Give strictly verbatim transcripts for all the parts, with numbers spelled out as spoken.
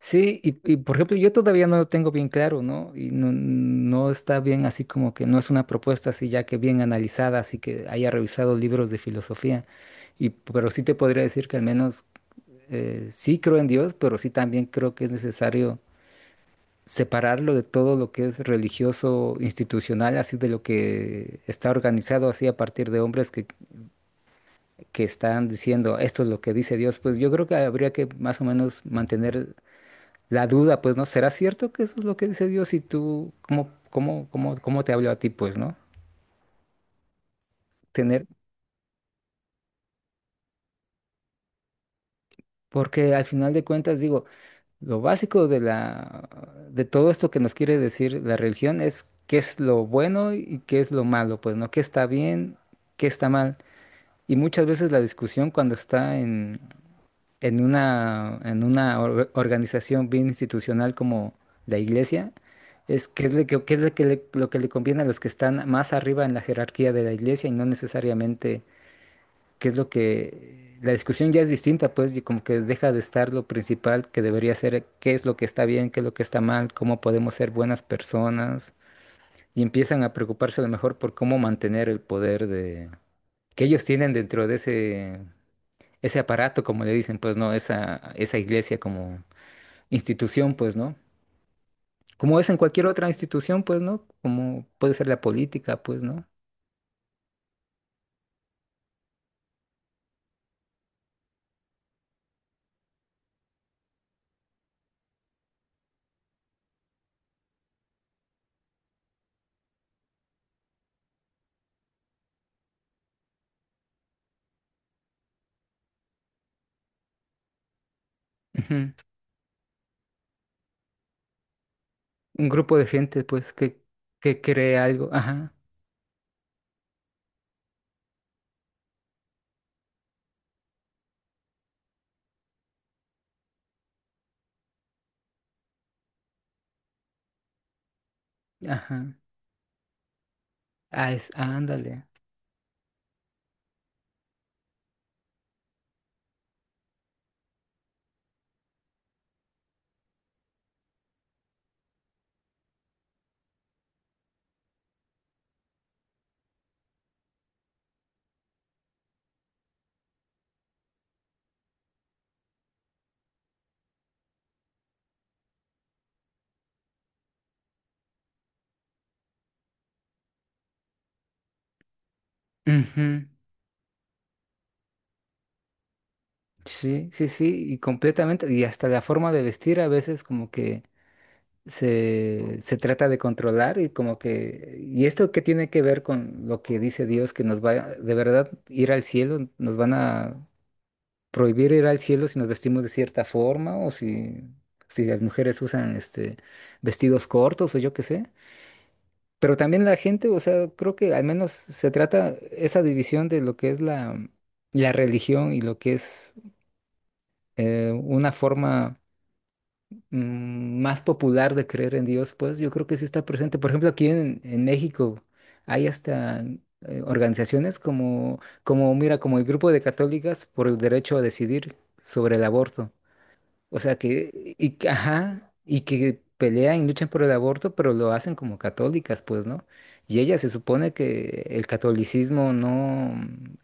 Sí, y, y, por ejemplo, yo todavía no lo tengo bien claro, ¿no? Y no, no está bien así como que no es una propuesta así ya que bien analizada, así que haya revisado libros de filosofía. Y pero sí te podría decir que al menos eh, sí creo en Dios, pero sí también creo que es necesario separarlo de todo lo que es religioso, institucional, así de lo que está organizado así a partir de hombres que, que están diciendo esto es lo que dice Dios. Pues yo creo que habría que más o menos mantener la duda, pues, ¿no? ¿Será cierto que eso es lo que dice Dios? Y tú, cómo, cómo, cómo, cómo te habló a ti, pues, ¿no? Tener, porque al final de cuentas, digo, lo básico de la, de todo esto que nos quiere decir la religión es qué es lo bueno y qué es lo malo, pues, ¿no? ¿Qué está bien, qué está mal? Y muchas veces la discusión cuando está en, en una, en una or- organización bien institucional como la iglesia, es que es, lo que, que es lo que le, lo que le conviene a los que están más arriba en la jerarquía de la iglesia y no necesariamente qué es lo que... La discusión ya es distinta, pues, y como que deja de estar lo principal que debería ser qué es lo que está bien, qué es lo que está mal, cómo podemos ser buenas personas, y empiezan a preocuparse a lo mejor por cómo mantener el poder de, que ellos tienen dentro de ese ese aparato, como le dicen, pues no, esa, esa iglesia como institución, pues no. Como es en cualquier otra institución, pues no, como puede ser la política, pues no. Ujú. Un grupo de gente, pues, que, que cree algo. Ajá, ajá. Ah, es, ah, ándale. Ujú. Sí, sí, sí, y completamente. Y hasta la forma de vestir a veces como que se, se trata de controlar y como que... ¿Y esto qué tiene que ver con lo que dice Dios, que nos va de verdad ir al cielo? ¿Nos van a prohibir ir al cielo si nos vestimos de cierta forma o si, si las mujeres usan este, vestidos cortos o yo qué sé? Pero también la gente, o sea, creo que al menos se trata esa división de lo que es la, la religión y lo que es eh, una forma mm, más popular de creer en Dios, pues yo creo que sí está presente. Por ejemplo, aquí en, en México hay hasta eh, organizaciones como, como, mira, como el Grupo de Católicas por el Derecho a Decidir sobre el Aborto. O sea que, y, que- ajá, y que pelean y luchan por el aborto, pero lo hacen como católicas, pues, ¿no? Y ella se supone que el catolicismo no,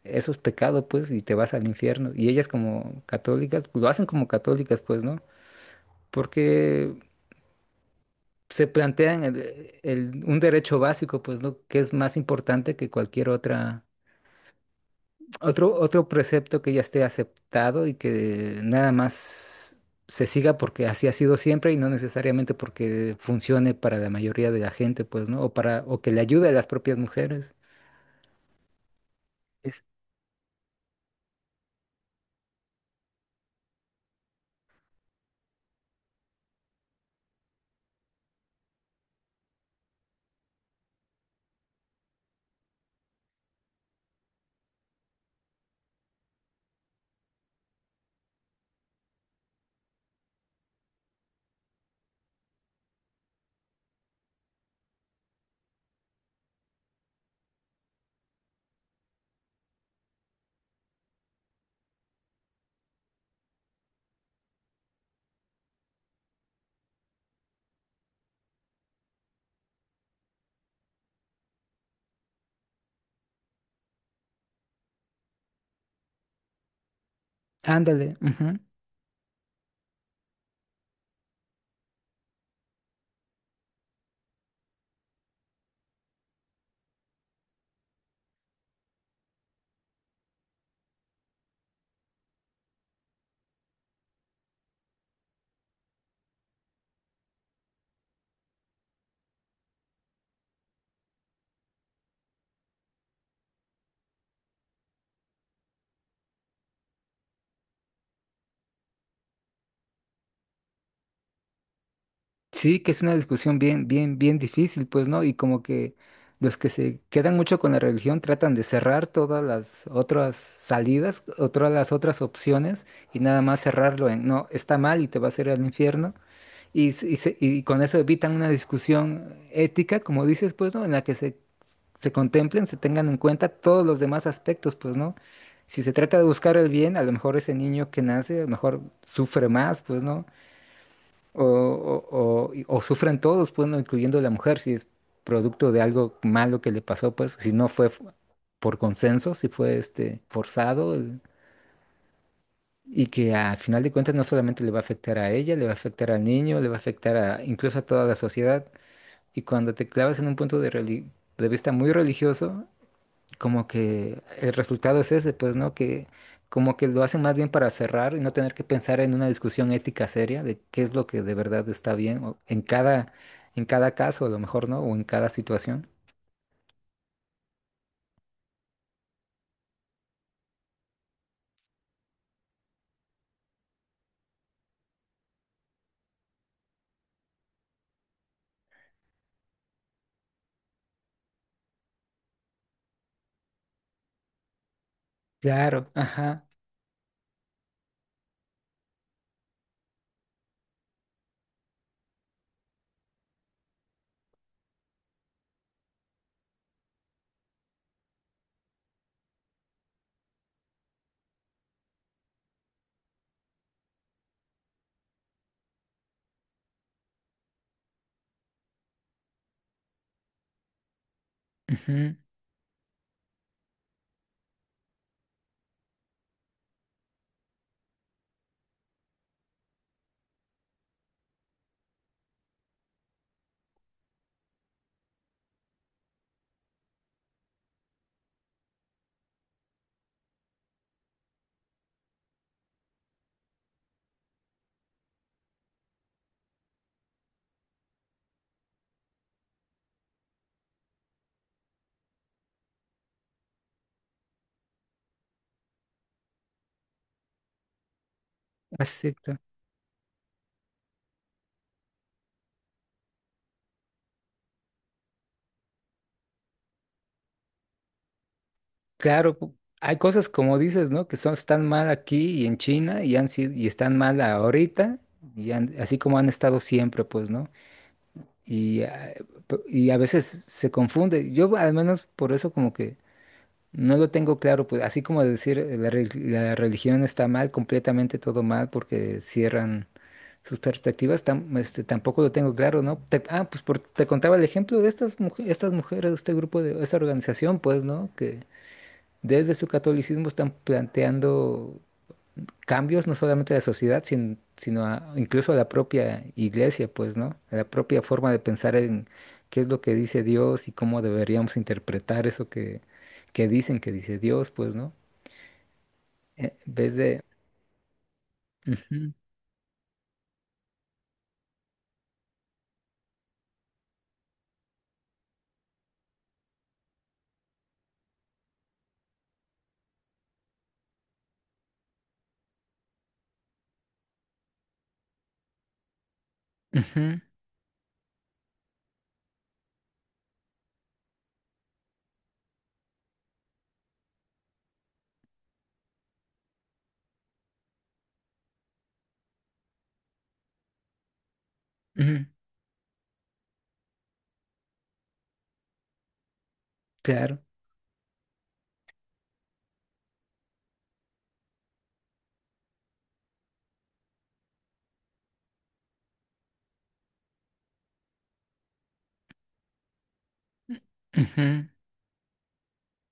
eso es pecado, pues, y te vas al infierno. Y ellas como católicas, pues, lo hacen como católicas, pues, ¿no? Porque se plantean el- el- un derecho básico, pues, ¿no? Que es más importante que cualquier otra otro, otro precepto que ya esté aceptado y que nada más se siga porque así ha sido siempre y no necesariamente porque funcione para la mayoría de la gente, pues, ¿no? O para, o que le ayude a las propias mujeres. Es, ándale, ujú. Sí, que es una discusión bien, bien, bien difícil, pues, ¿no? Y como que los que se quedan mucho con la religión tratan de cerrar todas las otras salidas, otras las otras opciones y nada más cerrarlo en, no, está mal y te vas a ir al infierno. Y, s- y se- y con eso evitan una discusión ética, como dices, pues, ¿no? En la que se, se contemplen, se tengan en cuenta todos los demás aspectos, pues, ¿no? Si se trata de buscar el bien, a lo mejor ese niño que nace, a lo mejor sufre más, pues, ¿no? O, o- o- y- o sufren todos, pues, ¿no? Incluyendo la mujer, si es producto de algo malo que le pasó, pues, si no fue f- por consenso, si fue, este, forzado, el- y que al final de cuentas no solamente le va a afectar a ella, le va a afectar al niño, le va a afectar a, incluso a toda la sociedad. Y cuando te clavas en un punto de, reli- de vista muy religioso, como que el resultado es ese, pues, ¿no? Que como que lo hacen más bien para cerrar y no tener que pensar en una discusión ética seria de qué es lo que de verdad está bien o en cada, en cada caso, a lo mejor, ¿no? O en cada situación. Claro, ajá. Ujú, exacto. Claro, pu- hay cosas como dices, ¿no? Que son, están mal aquí y en China y han sido, y están mal ahorita, y han- así como han estado siempre, pues, ¿no? Y, ah, p- y a veces se confunde. Yo al menos por eso como que no lo tengo claro, pues así como decir eh, la, re- la religión está mal, completamente todo mal porque cierran sus perspectivas, tam- este, tampoco lo tengo claro, ¿no? Te- ah, pues por- te contaba el ejemplo de estas, muje- estas mujeres, este grupo de esta organización, pues, ¿no? Que desde su catolicismo están planteando cambios no solamente a la sociedad, sin- sino a- incluso a la propia iglesia, pues, ¿no? A la propia forma de pensar en qué es lo que dice Dios y cómo deberíamos interpretar eso que, que dicen que dice Dios, pues, ¿no? En vez de... Ujú, ujú, ujú, claro, ujú,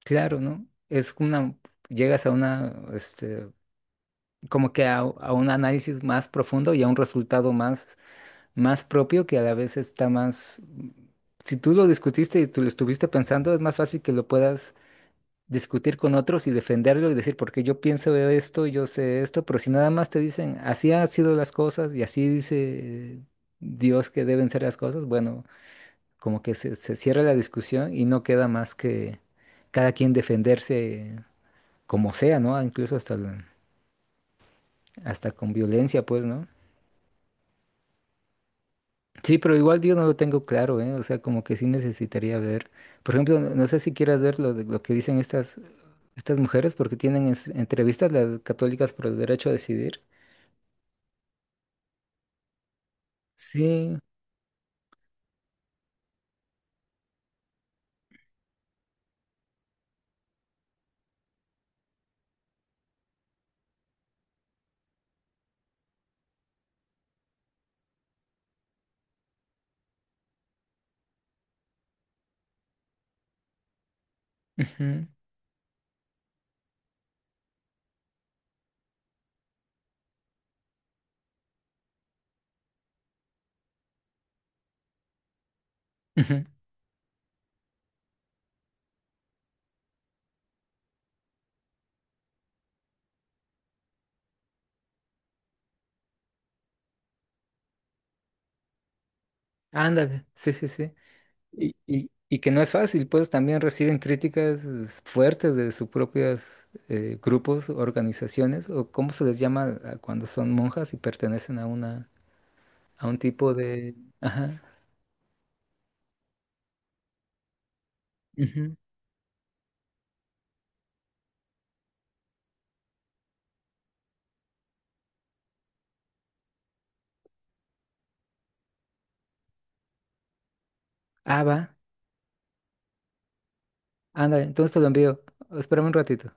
claro, ¿no? Es una... Llegas a una, este, como que a, a un análisis más profundo y a un resultado más más propio que a la vez está más... Si tú lo discutiste y tú lo estuviste pensando, es más fácil que lo puedas discutir con otros y defenderlo y decir, porque yo pienso de esto, yo sé esto, pero si nada más te dicen, así han sido las cosas y así dice Dios que deben ser las cosas, bueno, como que se, se cierra la discusión y no queda más que cada quien defenderse como sea, ¿no? Incluso hasta, la- hasta con violencia, pues, ¿no? Sí, pero igual yo no lo tengo claro, ¿eh? O sea, como que sí necesitaría ver. Por ejemplo, no no sé si quieras ver lo, de- lo que dicen estas, estas mujeres, porque tienen es- entrevistas las católicas por el derecho a decidir. Sí. Ujú, ujú. Ándale, sí, sí, sí. Y, y- y que no es fácil, pues también reciben críticas es, fuertes de sus propios grupos, organizaciones, o cómo se les llama a cuando son monjas y pertenecen a una, a un tipo de... Ajá. Ujú. Ándale, entonces te lo envío. Espérame un ratito.